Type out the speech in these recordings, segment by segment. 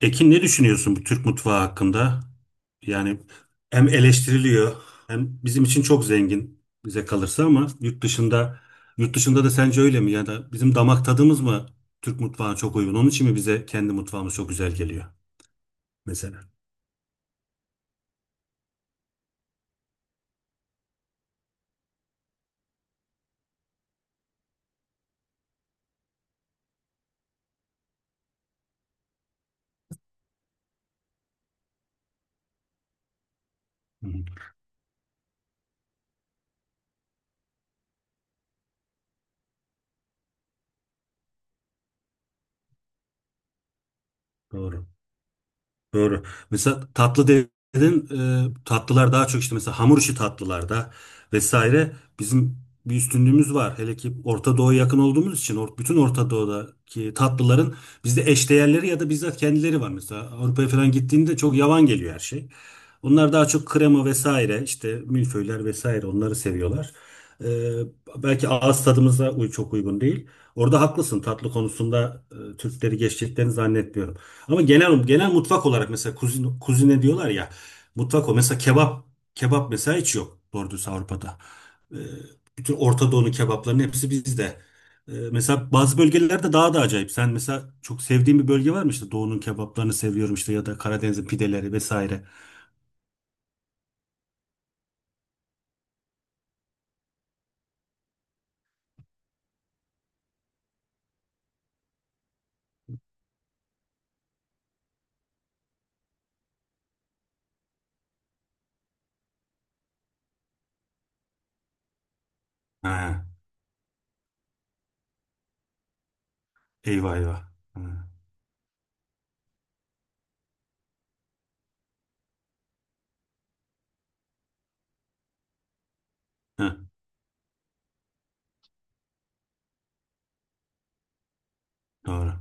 Ekin ne düşünüyorsun bu Türk mutfağı hakkında? Yani hem eleştiriliyor hem bizim için çok zengin bize kalırsa ama yurt dışında da sence öyle mi? Ya da bizim damak tadımız mı Türk mutfağına çok uygun? Onun için mi bize kendi mutfağımız çok güzel geliyor mesela? Hı, doğru. Doğru. Mesela tatlı dedin, tatlılar daha çok işte mesela hamur işi tatlılarda vesaire bizim bir üstünlüğümüz var. Hele ki Orta Doğu'ya yakın olduğumuz için bütün Orta Doğu'daki tatlıların bizde eşdeğerleri ya da bizzat kendileri var. Mesela Avrupa'ya falan gittiğinde çok yavan geliyor her şey. Onlar daha çok krema vesaire işte milföyler vesaire onları seviyorlar. E, belki ağız tadımıza çok uygun değil. Orada haklısın tatlı konusunda Türkleri geçeceklerini zannetmiyorum. Ama genel genel mutfak olarak mesela kuzine, kuzine diyorlar ya mutfak o mesela kebap kebap mesela hiç yok doğru dürüst Avrupa'da. Ee, bütün Orta Doğu'nun kebaplarının hepsi bizde. Mesela bazı bölgelerde daha da acayip. Sen mesela çok sevdiğin bir bölge var mı işte Doğu'nun kebaplarını seviyorum işte ya da Karadeniz'in pideleri vesaire. Ha, eyvah eyvah. Ha, ha, doğru.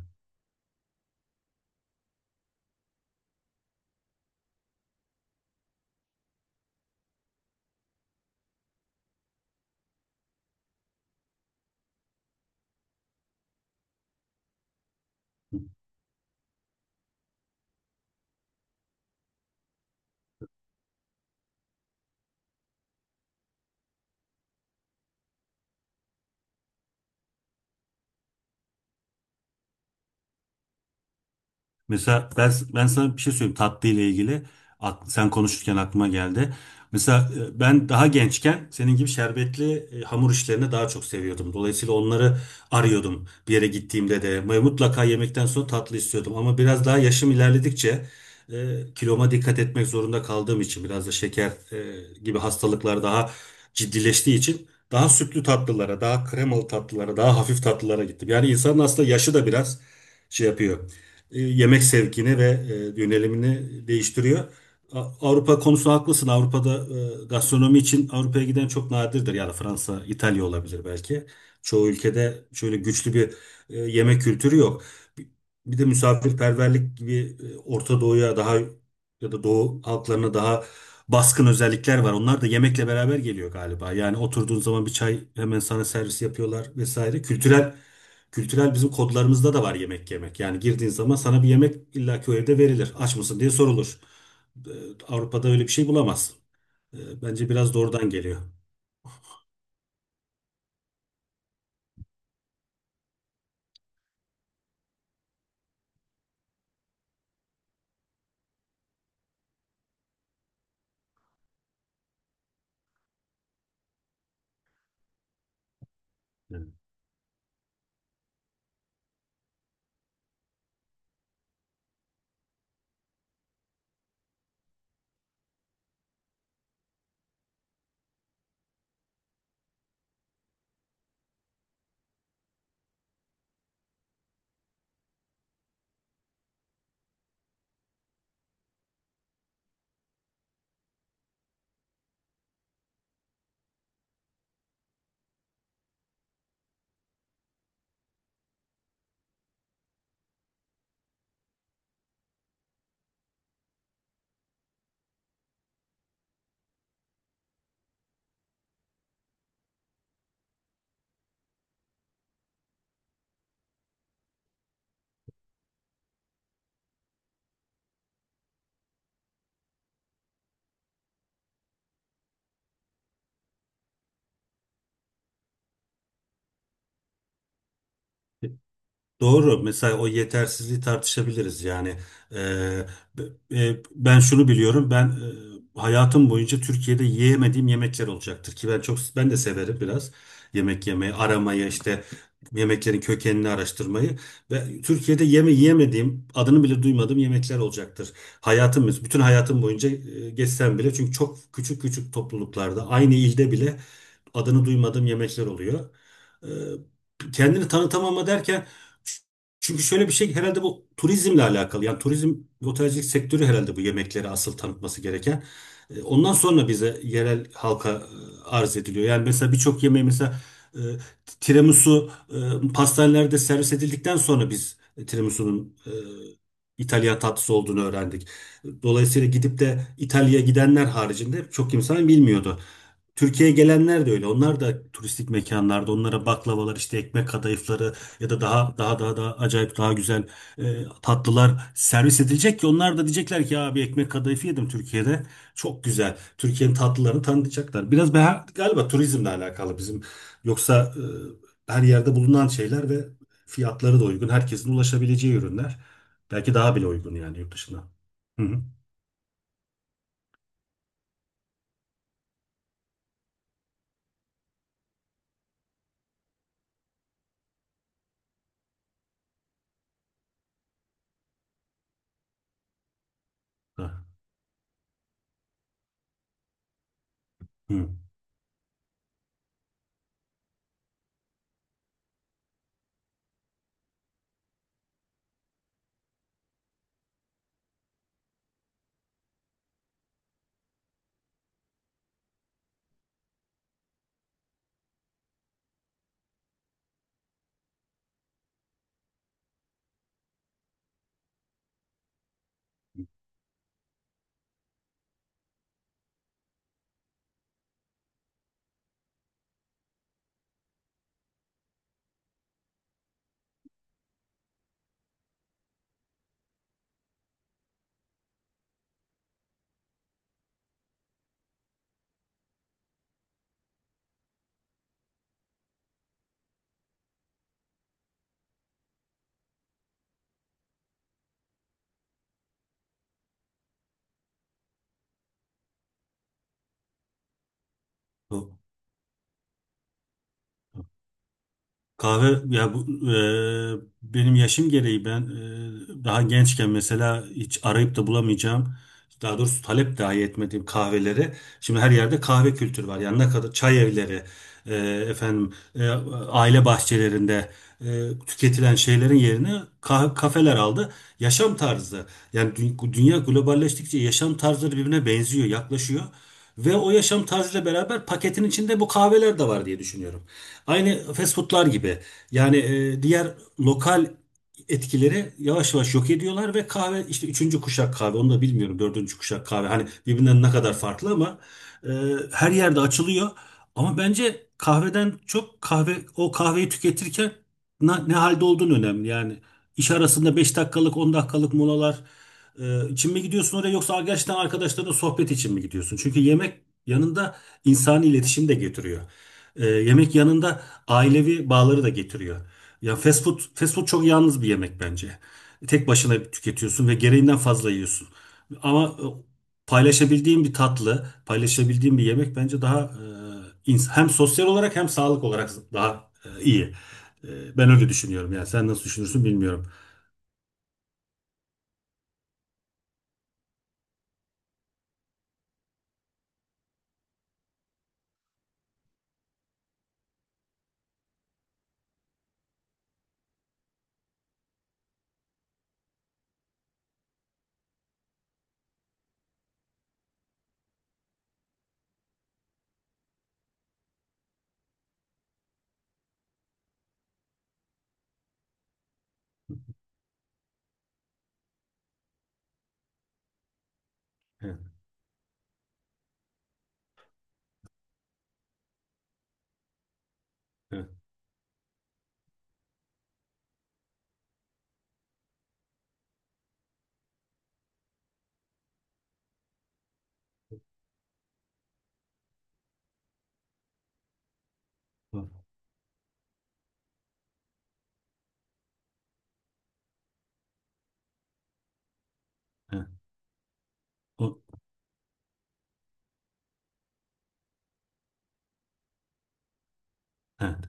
Mesela ben sana bir şey söyleyeyim tatlı ile ilgili. Sen konuşurken aklıma geldi. Mesela ben daha gençken senin gibi şerbetli hamur işlerini daha çok seviyordum. Dolayısıyla onları arıyordum bir yere gittiğimde de. Ve mutlaka yemekten sonra tatlı istiyordum. Ama biraz daha yaşım ilerledikçe kiloma dikkat etmek zorunda kaldığım için biraz da şeker gibi hastalıklar daha ciddileştiği için daha sütlü tatlılara, daha kremalı tatlılara, daha hafif tatlılara gittim. Yani insanın aslında yaşı da biraz şey yapıyor yemek sevkini ve yönelimini değiştiriyor. Avrupa konusu haklısın. Avrupa'da gastronomi için Avrupa'ya giden çok nadirdir. Yani Fransa, İtalya olabilir belki. Çoğu ülkede şöyle güçlü bir yemek kültürü yok. Bir bir de misafirperverlik gibi Orta Doğu'ya daha ya da Doğu halklarına daha baskın özellikler var. Onlar da yemekle beraber geliyor galiba. Yani oturduğun zaman bir çay hemen sana servis yapıyorlar vesaire. Kültürel bizim kodlarımızda da var yemek yemek. Yani girdiğin zaman sana bir yemek illaki o evde verilir. Aç mısın diye sorulur. Ee, Avrupa'da öyle bir şey bulamazsın. Bence biraz da oradan geliyor. Evet. Doğru. Mesela o yetersizliği tartışabiliriz. Yani e, b- ben şunu biliyorum. Ben hayatım boyunca Türkiye'de yiyemediğim yemekler olacaktır ki ben çok ben de severim biraz yemek yemeyi, aramayı işte yemeklerin kökenini araştırmayı ve Türkiye'de yiyemediğim, adını bile duymadığım yemekler olacaktır. Bütün hayatım boyunca geçsem bile çünkü çok küçük küçük topluluklarda aynı ilde bile adını duymadığım yemekler oluyor. E, kendini tanıtamama derken çünkü şöyle bir şey herhalde bu turizmle alakalı. Yani turizm ve otelcilik sektörü herhalde bu yemekleri asıl tanıtması gereken. Ondan sonra bize yerel halka arz ediliyor. Yani mesela birçok yemeği mesela e, tiramisu pastanelerde servis edildikten sonra biz tiramisu'nun İtalyan tatlısı olduğunu öğrendik. Dolayısıyla gidip de İtalya'ya gidenler haricinde çok insan bilmiyordu. Türkiye'ye gelenler de öyle. Onlar da turistik mekanlarda onlara baklavalar işte ekmek kadayıfları ya da daha acayip daha güzel tatlılar servis edilecek ki onlar da diyecekler ki ya bir ekmek kadayıfı yedim Türkiye'de. Çok güzel. Türkiye'nin tatlılarını tanıtacaklar. Biraz ben, galiba turizmle alakalı bizim. Yoksa her yerde bulunan şeyler ve fiyatları da uygun. Herkesin ulaşabileceği ürünler. Belki daha bile uygun yani yurt dışına. Hı hı. Ha, hı. O- Kahve ya bu e, benim yaşım gereği ben daha gençken mesela hiç arayıp da bulamayacağım daha doğrusu talep dahi etmediğim kahveleri. Şimdi her yerde kahve kültürü var. Yani ne kadar çay evleri, e, efendim aile bahçelerinde e, tüketilen şeylerin yerine kafeler aldı. Yaşam tarzı. Yani dünya globalleştikçe yaşam tarzları birbirine benziyor, yaklaşıyor. Ve o yaşam tarzıyla beraber paketin içinde bu kahveler de var diye düşünüyorum. Aynı fast foodlar gibi. Yani diğer lokal etkileri yavaş yavaş yok ediyorlar ve kahve işte üçüncü kuşak kahve onu da bilmiyorum dördüncü kuşak kahve hani birbirinden ne kadar farklı ama e, her yerde açılıyor ama bence kahveden çok kahve o kahveyi tüketirken ne halde olduğun önemli yani iş arasında 5 dakikalık 10 dakikalık molalar için mi gidiyorsun oraya yoksa gerçekten arkadaşlarınla sohbet için mi gidiyorsun çünkü yemek yanında insani iletişim de getiriyor. Yemek yanında ailevi bağları da getiriyor ya fast food çok yalnız bir yemek bence. Tek başına tüketiyorsun ve gereğinden fazla yiyorsun. Ama paylaşabildiğin bir tatlı, paylaşabildiğin bir yemek bence daha hem sosyal olarak hem sağlık olarak daha iyi. Ben öyle düşünüyorum. Yani sen nasıl düşünürsün bilmiyorum. Evet, evet. O- evet, o- evet.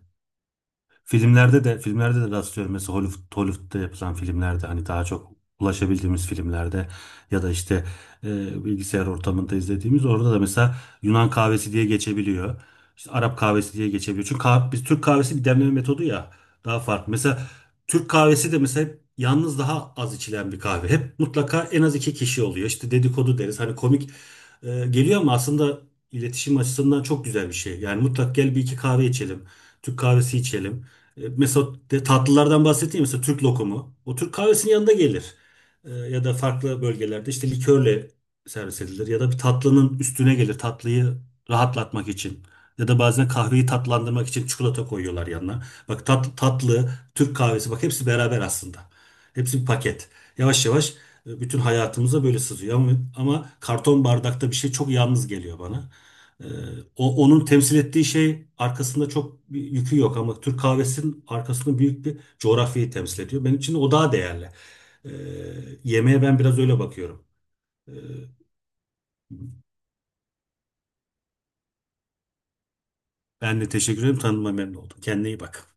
Filmlerde de rastlıyorum. Mesela Hollywood'da yapılan filmlerde hani daha çok ulaşabildiğimiz filmlerde ya da işte bilgisayar ortamında izlediğimiz orada da mesela Yunan kahvesi diye geçebiliyor. İşte Arap kahvesi diye geçebiliyor. Çünkü biz Türk kahvesi bir demleme metodu ya daha farklı. Mesela Türk kahvesi de mesela hep yalnız daha az içilen bir kahve. Hep mutlaka en az iki kişi oluyor. İşte dedikodu deriz. Hani komik geliyor ama aslında iletişim açısından çok güzel bir şey. Yani mutlak gel bir iki kahve içelim. Türk kahvesi içelim. Mesela tatlılardan bahsettiğim mesela Türk lokumu. O Türk kahvesinin yanında gelir. Ya da farklı bölgelerde işte likörle servis edilir. Ya da bir tatlının üstüne gelir tatlıyı rahatlatmak için. Ya da bazen kahveyi tatlandırmak için çikolata koyuyorlar yanına. Bak tatlı, Türk kahvesi bak hepsi beraber aslında. Hepsi bir paket. Yavaş yavaş bütün hayatımıza böyle sızıyor. Ama karton bardakta bir şey çok yalnız geliyor bana. Ee, onun temsil ettiği şey arkasında çok bir yükü yok ama Türk kahvesinin arkasında büyük bir coğrafyayı temsil ediyor. Benim için o daha değerli. Ee, yemeğe ben biraz öyle bakıyorum. Ee, ben de teşekkür ederim. Tanıma memnun oldum. Kendine iyi bak.